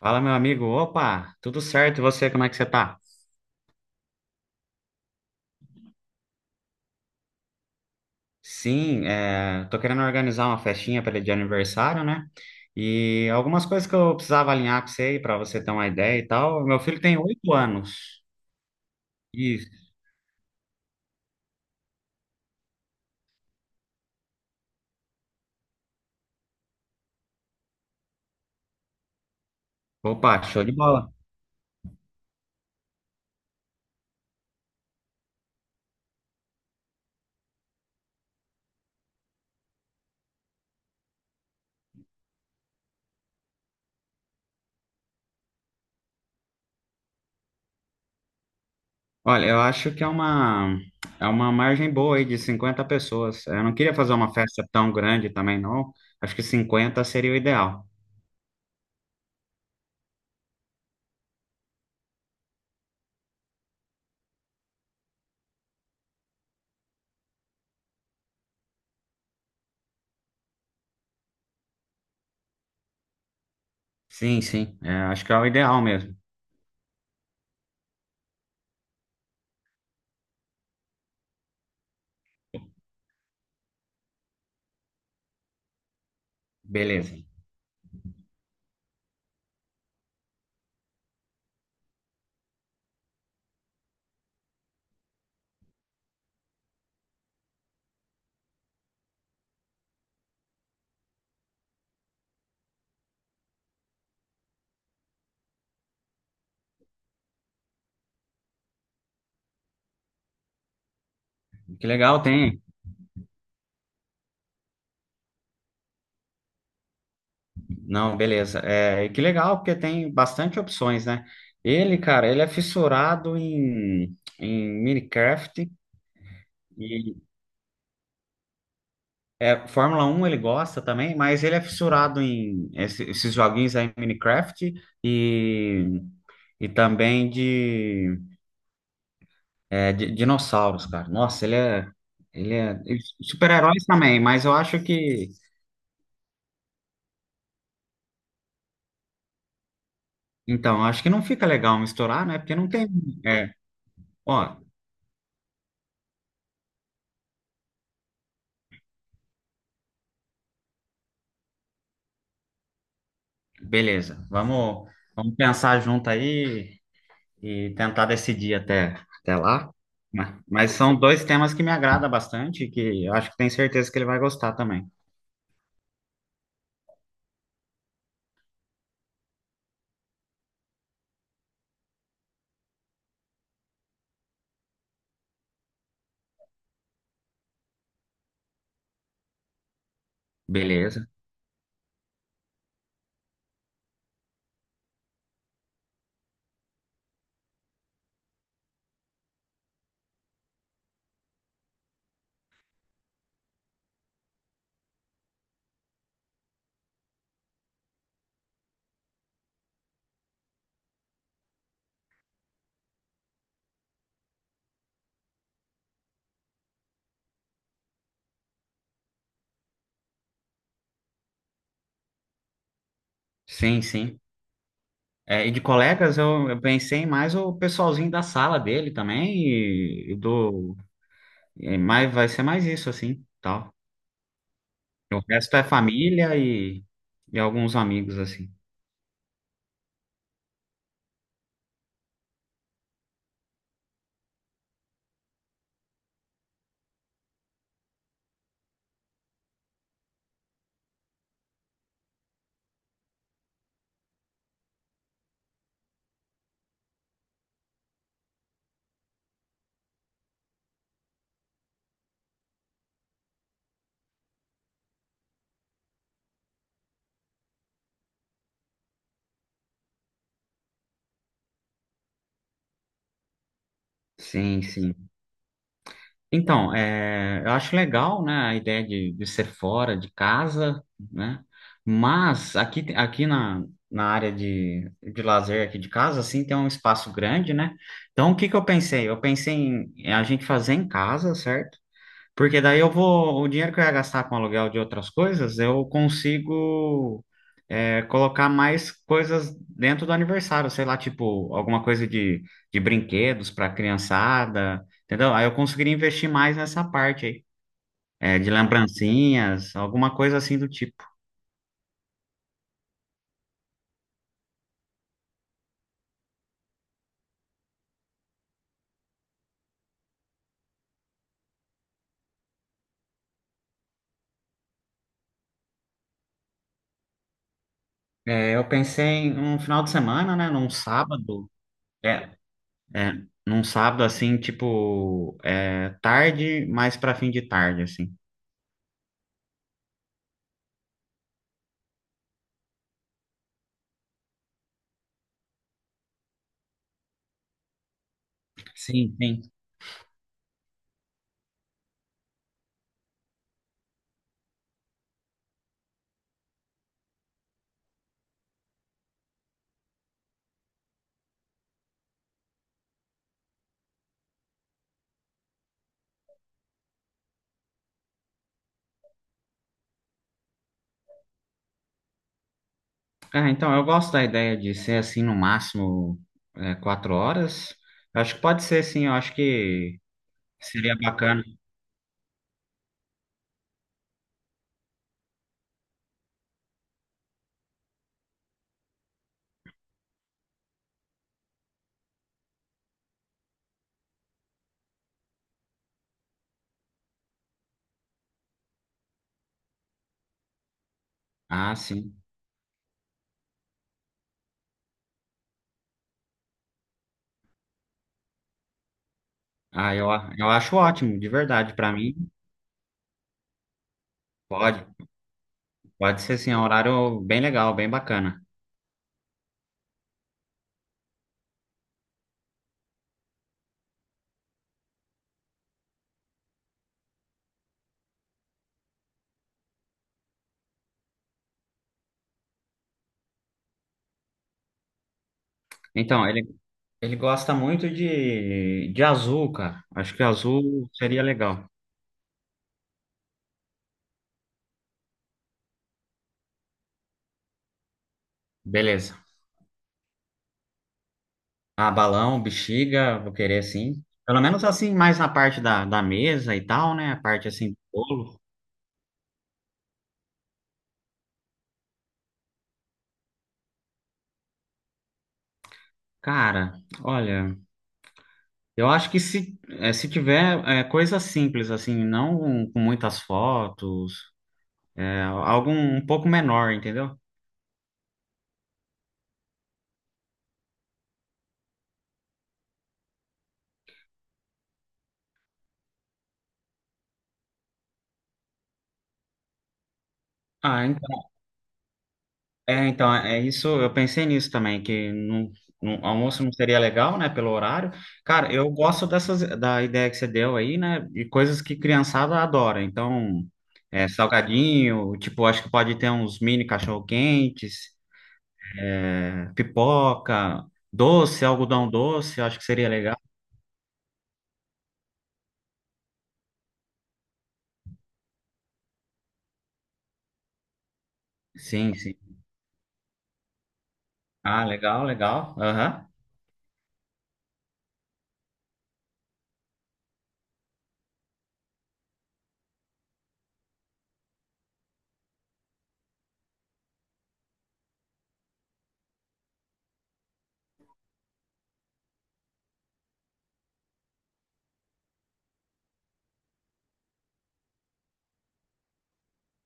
Fala, meu amigo. Opa, tudo certo? E você, como é que você tá? Sim, é, tô querendo organizar uma festinha para de aniversário, né? E algumas coisas que eu precisava alinhar com você aí, para você ter uma ideia e tal. Meu filho tem 8 anos. Isso. Opa, show de bola. Olha, eu acho que é uma margem boa aí de 50 pessoas. Eu não queria fazer uma festa tão grande também, não. Acho que 50 seria o ideal. Sim, sim, é, acho que é o ideal mesmo. Beleza. Que legal, tem. Não, beleza. É, e que legal, porque tem bastante opções, né? Ele, cara, ele é fissurado em Minecraft e é, Fórmula 1. Ele gosta também, mas ele é fissurado em esses joguinhos aí Minecraft e, e também de, de dinossauros, cara. Nossa, ele é e super-heróis também, mas eu acho que, então, acho que não fica legal misturar, né? Porque não tem, é, ó, beleza, vamos pensar junto aí e tentar decidir até lá. Mas são dois temas que me agrada bastante, e que eu acho que tenho certeza que ele vai gostar também. Beleza, sim, sim. É, e de colegas, eu pensei mais o pessoalzinho da sala dele também, e do. É mais, vai ser mais isso, assim, tal. O resto é família e alguns amigos, assim. Sim, sim. Então, é, eu acho legal, né, a ideia de ser fora de casa, né? Mas aqui na área de lazer aqui de casa, assim, tem um espaço grande, né? Então, o que que eu pensei? Eu pensei em a gente fazer em casa, certo? Porque daí eu vou, o dinheiro que eu ia gastar com aluguel de outras coisas, eu consigo colocar mais coisas dentro do aniversário, sei lá, tipo, alguma coisa de brinquedos para criançada, entendeu? Aí eu conseguiria investir mais nessa parte aí, de lembrancinhas, alguma coisa assim do tipo. É, eu pensei em um final de semana, né, num sábado, é, é, num sábado assim, tipo, tarde, mais para fim de tarde, assim. Sim, sim. Ah, então, eu gosto da ideia de ser assim, no máximo, 4 horas. Eu acho que pode ser, sim, eu acho que. Seria bacana. Ah, sim. Ah, eu acho ótimo, de verdade. Para mim, pode. Pode ser, sim, é um horário bem legal, bem bacana. Então, ele gosta muito de azul, cara. Acho que azul seria legal. Beleza. Ah, balão, bexiga, vou querer sim. Pelo menos assim, mais na parte da mesa e tal, né? A parte assim do bolo. Cara, olha, eu acho que se tiver coisa simples, assim, não com muitas fotos. Algo um pouco menor, entendeu? Ah, então, é isso, eu pensei nisso também, que no almoço não seria legal, né, pelo horário. Cara, eu gosto da ideia que você deu aí, né, de coisas que criançada adora. Então, salgadinho, tipo, acho que pode ter uns mini cachorro-quentes, pipoca, doce, algodão doce, acho que seria legal. Sim, sim. Ah, legal, legal. Aham.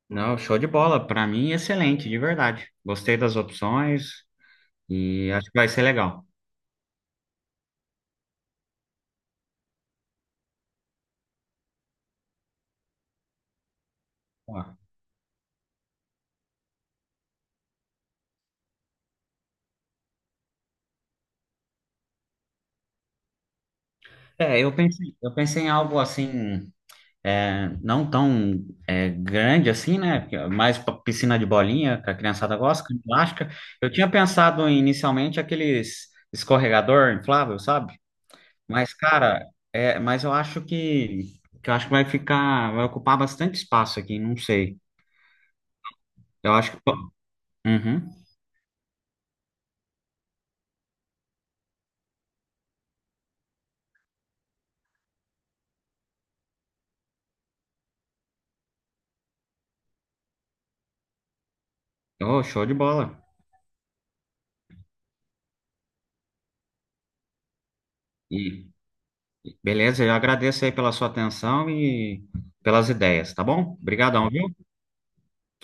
Não, show de bola. Para mim, excelente, de verdade. Gostei das opções. E acho que vai ser legal. Ó. É, eu pensei em algo assim, não tão grande assim, né? Mais pra piscina de bolinha, que a criançada gosta, com elástica. Eu tinha pensado inicialmente aqueles escorregador inflável, sabe? Mas, cara, mas eu acho que, eu acho que vai ficar, vai ocupar bastante espaço aqui, não sei. Eu acho que. Uhum. Oh, show de bola. Beleza, eu agradeço aí pela sua atenção e pelas ideias, tá bom? Obrigadão, viu? Tchau.